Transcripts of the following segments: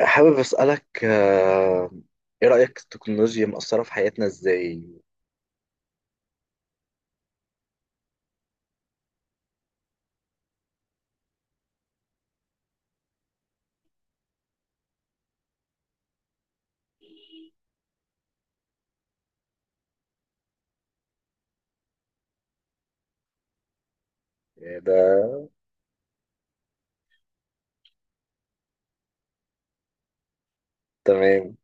حابب أسألك إيه رأيك التكنولوجيا مأثرة في حياتنا إزاي؟ يعني ده. تمام.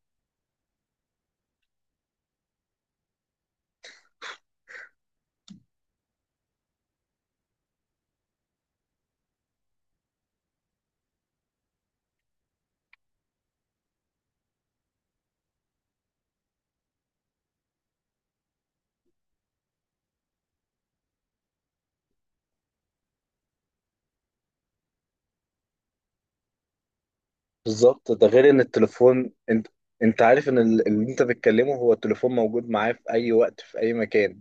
بالظبط، ده غير إن التليفون أنت عارف إن اللي أنت بتكلمه هو التليفون موجود معاه في أي وقت في أي مكان.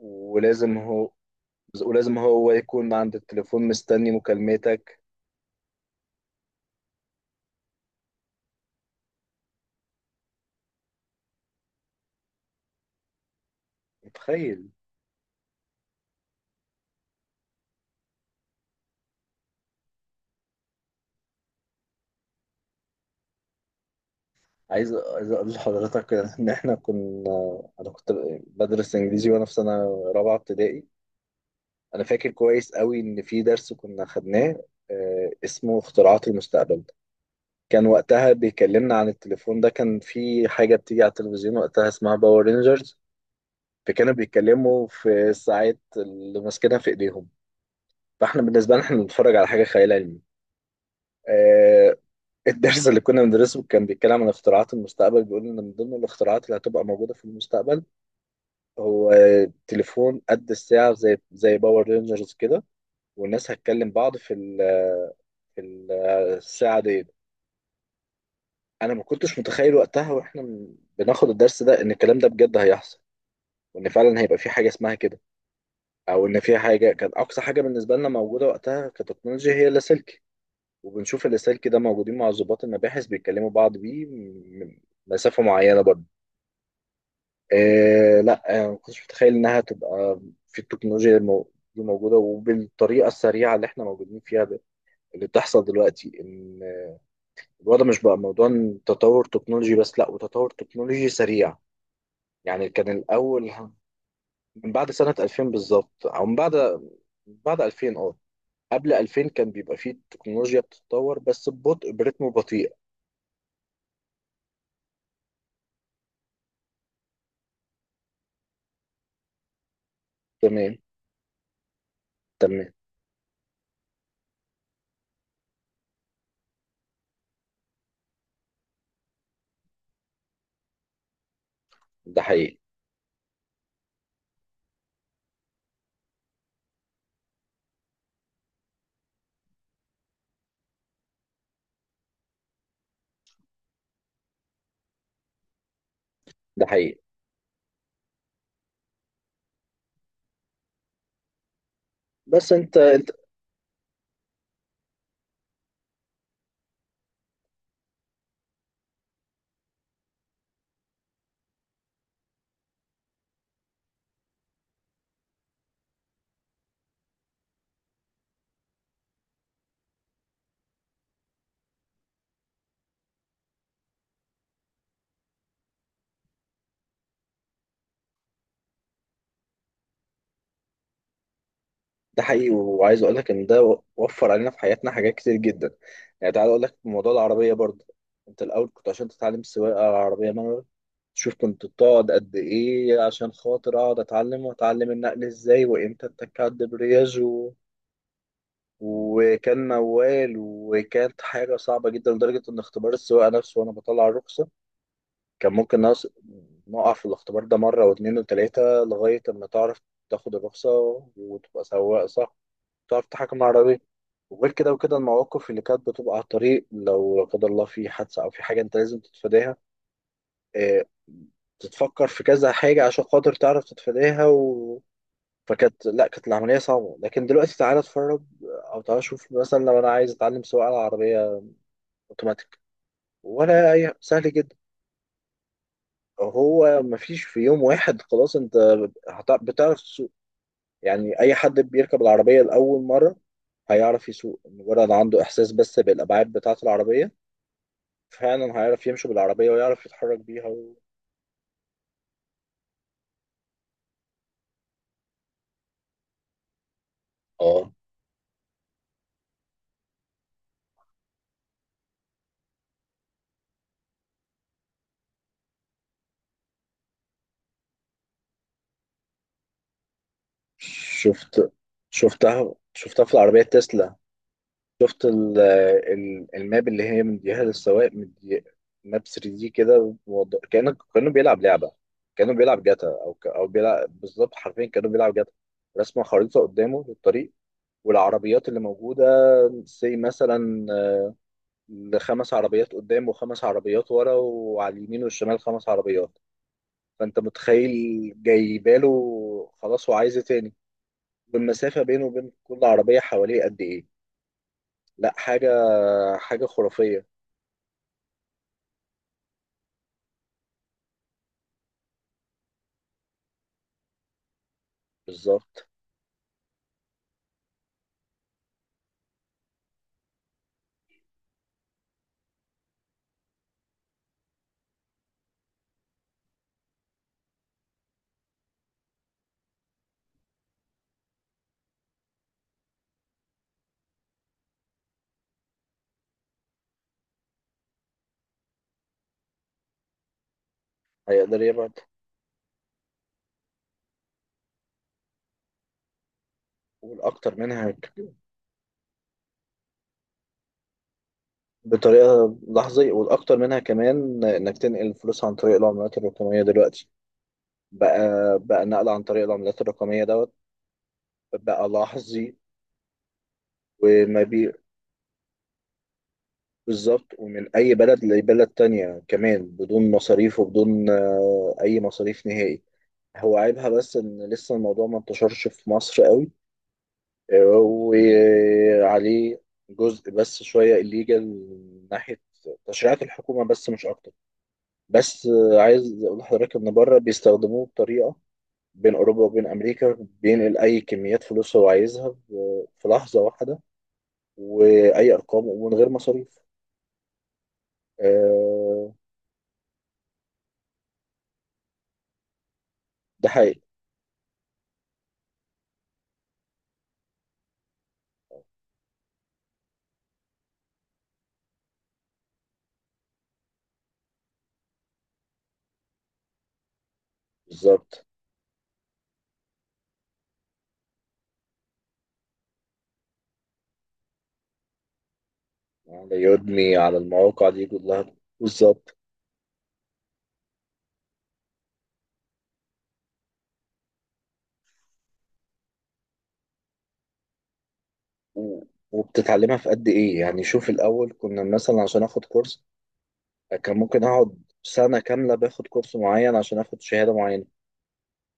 ولازم هو ولازم هو يكون عند التليفون مستني مكالمتك. متخيل. عايز أقول لحضرتك إن إحنا كنا، أنا كنت بدرس إنجليزي وأنا في سنة رابعة ابتدائي. انا فاكر كويس قوي ان في درس كنا خدناه اسمه اختراعات المستقبل. كان وقتها بيكلمنا عن التليفون، ده كان في حاجة بتيجي على التلفزيون وقتها اسمها باور رينجرز، فكانوا بيتكلموا في الساعات اللي ماسكينها في ايديهم، فاحنا بالنسبة لنا احنا بنتفرج على حاجة خيال علمي. آه، الدرس اللي كنا بندرسه كان بيتكلم عن اختراعات المستقبل، بيقول ان من ضمن الاختراعات اللي هتبقى موجودة في المستقبل هو تليفون قد الساعة زي باور رينجرز كده، والناس هتكلم بعض في ال- الساعة دي. انا ما كنتش متخيل وقتها واحنا بناخد الدرس ده ان الكلام ده بجد هيحصل، وان فعلا هيبقى في حاجة اسمها كده، او ان في حاجة كانت اقصى حاجة بالنسبة لنا موجودة وقتها كتكنولوجيا هي اللاسلكي. وبنشوف اللاسلكي ده موجودين مع ضباط المباحث بيتكلموا بعض بيه من مسافة معينة برضه. لا، ما كنتش متخيل انها تبقى في التكنولوجيا دي موجودة وبالطريقة السريعة اللي احنا موجودين فيها ده، اللي بتحصل دلوقتي ان الوضع مش بقى موضوع إن تطور تكنولوجي بس، لا وتطور تكنولوجي سريع. يعني كان الاول من بعد سنة 2000 بالظبط، او من بعد، بعد 2000 اه. قبل 2000 كان بيبقى فيه تكنولوجيا بتتطور بس ببطء، برتم بطيء. تمام. تمام. ده حقيقي. ده حقيقي. بس انت. ده حقيقي، وعايز اقول لك ان ده وفر علينا في حياتنا حاجات كتير جدا. يعني تعال اقول لك موضوع العربية برضه، انت الاول كنت عشان تتعلم سواقة عربية، شوف كنت بتقعد قد ايه عشان خاطر اقعد اتعلم، واتعلم النقل ازاي وامتى اتك على الدبرياج. و... وكان موال، وكانت حاجة صعبة جدا لدرجة ان اختبار السواقة نفسه وانا بطلع الرخصة كان ممكن نقع في الاختبار ده مرة واتنين وتلاتة لغاية اما تعرف تاخد الرخصة وتبقى سواق صح. تعرف تحكم العربية. وغير كده وكده المواقف اللي كانت بتبقى على الطريق لو لا قدر الله في حادثة أو في حاجة أنت لازم تتفاداها، آه، تتفكر في كذا حاجة عشان خاطر تعرف تتفاداها. و... فكانت، لا كانت العملية صعبة، لكن دلوقتي تعالى اتفرج، أو تعالى شوف مثلا لو أنا عايز أتعلم سواقة على عربية أوتوماتيك، ولا أي، سهل جدا. هو مفيش، في يوم واحد خلاص أنت بتعرف تسوق. يعني أي حد بيركب العربية لأول مرة هيعرف يسوق، مجرد عنده إحساس بس بالأبعاد بتاعة العربية فعلا هيعرف يمشي بالعربية ويعرف يتحرك بيها. و... اه، شفت. شفتها في العربية تسلا. شفت الماب اللي هي مديها للسواق، مدي ماب 3 دي كده، كأنه بيلعب لعبة، كأنه بيلعب جاتا، أو بيلعب بالظبط، حرفيا كأنه بيلعب جاتا. رسمة خريطة قدامه للطريق والعربيات اللي موجودة، زي مثلا خمس عربيات قدام وخمس عربيات ورا، وعلى اليمين والشمال خمس عربيات. فأنت متخيل جايباله. خلاص هو عايز إيه تاني؟ والمسافة بينه وبين كل عربية حواليه قد إيه؟ لا حاجة. حاجة خرافية. بالظبط. هيقدر يبعد. والأكتر منها بطريقة لحظية، والأكتر منها كمان إنك تنقل الفلوس عن طريق العملات الرقمية دلوقتي. بقى بقى نقل عن طريق العملات الرقمية دوت. بقى لحظي. وما بي، بالظبط، ومن أي بلد لبلد تانية كمان بدون مصاريف وبدون أي مصاريف نهائي. هو عيبها بس إن لسه الموضوع ما انتشرش في مصر قوي، وعليه جزء بس شوية الليجل من ناحية تشريعات الحكومة بس مش أكتر. بس عايز أقول لحضرتك إن بره بيستخدموه بطريقة بين أوروبا وبين أمريكا، بينقل أي كميات فلوس هو عايزها في لحظة واحدة، وأي أرقام ومن غير مصاريف. آه، ده حقيقي. بالظبط، على يودمي على المواقع دي كلها. بالظبط. و- وبتتعلمها في قد إيه يعني؟ شوف الأول كنا مثلا عشان آخد كورس كان ممكن اقعد سنة كاملة باخد كورس معين عشان اخد شهادة معينة.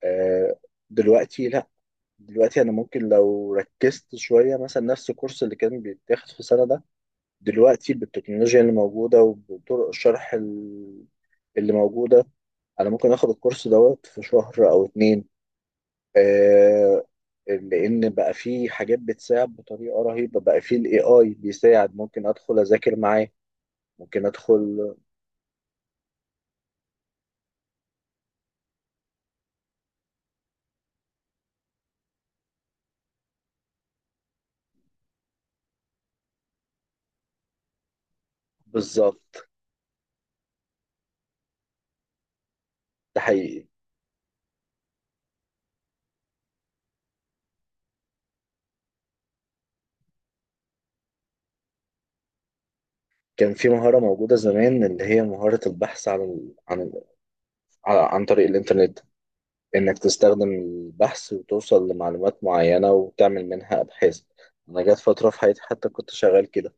آه، دلوقتي لا، دلوقتي انا ممكن لو ركزت شوية مثلا نفس الكورس اللي كان بيتاخد في سنة ده، دلوقتي بالتكنولوجيا اللي موجودة وبطرق الشرح اللي موجودة، انا ممكن اخد الكورس دوت في شهر او اتنين. آه، لان بقى في حاجات بتساعد بطريقة رهيبة، بقى في الاي اي بيساعد، ممكن ادخل اذاكر معاه، ممكن ادخل. بالظبط. ده حقيقي. كان في مهارة موجودة زمان اللي هي مهارة البحث عن عن طريق الإنترنت، إنك تستخدم البحث وتوصل لمعلومات معينة وتعمل منها أبحاث. أنا جات فترة في حياتي حتى كنت شغال كده،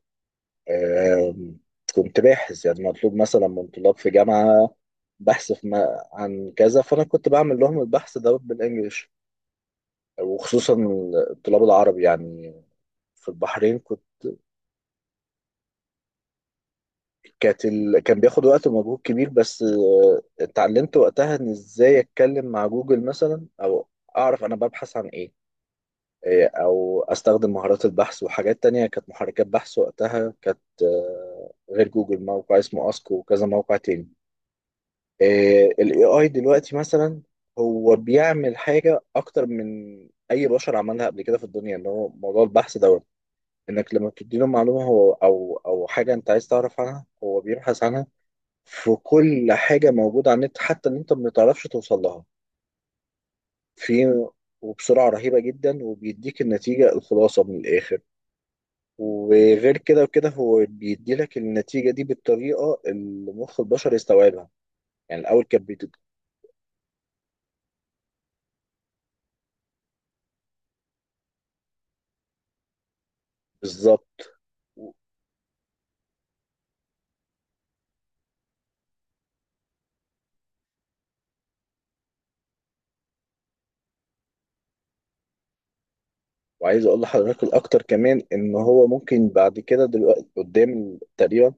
آم، كنت باحث، يعني مطلوب مثلا من طلاب في جامعة بحث في ما... عن كذا، فأنا كنت بعمل لهم البحث ده بالإنجلش، وخصوصا الطلاب العرب يعني في البحرين. كانت ال... كان بياخد وقت ومجهود كبير، بس اتعلمت وقتها ان ازاي اتكلم مع جوجل مثلا، او اعرف انا ببحث عن ايه، او استخدم مهارات البحث وحاجات تانية. كانت محركات بحث وقتها كانت غير جوجل موقع اسمه اسكو وكذا موقع تاني. الاي اي دلوقتي مثلا هو بيعمل حاجة اكتر من اي بشر عملها قبل كده في الدنيا، اللي هو موضوع البحث دوت. انك لما بتديله معلومة هو او حاجة انت عايز تعرف عنها، هو بيبحث عنها في كل حاجة موجودة على النت حتى اللي انت ما بتعرفش توصل لها. في وبسرعة رهيبة جدا، وبيديك النتيجة الخلاصة من الآخر. وغير كده وكده هو بيديلك النتيجة دي بالطريقة اللي مخ البشر يستوعبها. يعني الأول كان بالظبط. و- وعايز أقول لحضرتك الأكتر كمان إن هو ممكن بعد كده دلوقتي قدام تقريبا،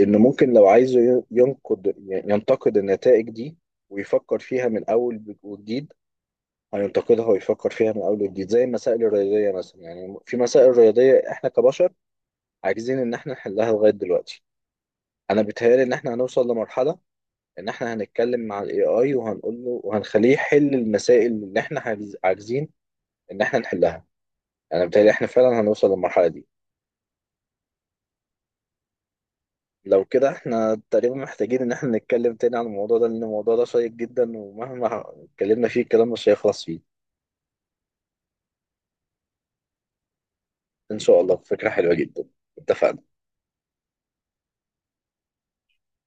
إن ممكن لو عايزه ي- ينقد ينتقد النتائج دي، ويفكر فيها من أول وجديد، هينتقدها ويفكر فيها من اول وجديد زي المسائل الرياضيه مثلا. يعني في مسائل رياضيه احنا كبشر عاجزين ان احنا نحلها لغايه دلوقتي. انا بيتهيألي ان احنا هنوصل لمرحله ان احنا هنتكلم مع الاي اي وهنقول له وهنخليه يحل المسائل اللي احنا عاجزين ان احنا نحلها. انا بيتهيألي احنا فعلا هنوصل للمرحله دي. لو كده احنا تقريبا محتاجين ان احنا نتكلم تاني عن الموضوع ده، لان الموضوع ده شيق جدا، ومهما اتكلمنا فيه الكلام مش هيخلص فيه. ان شاء الله، فكره حلوه جدا. اتفقنا.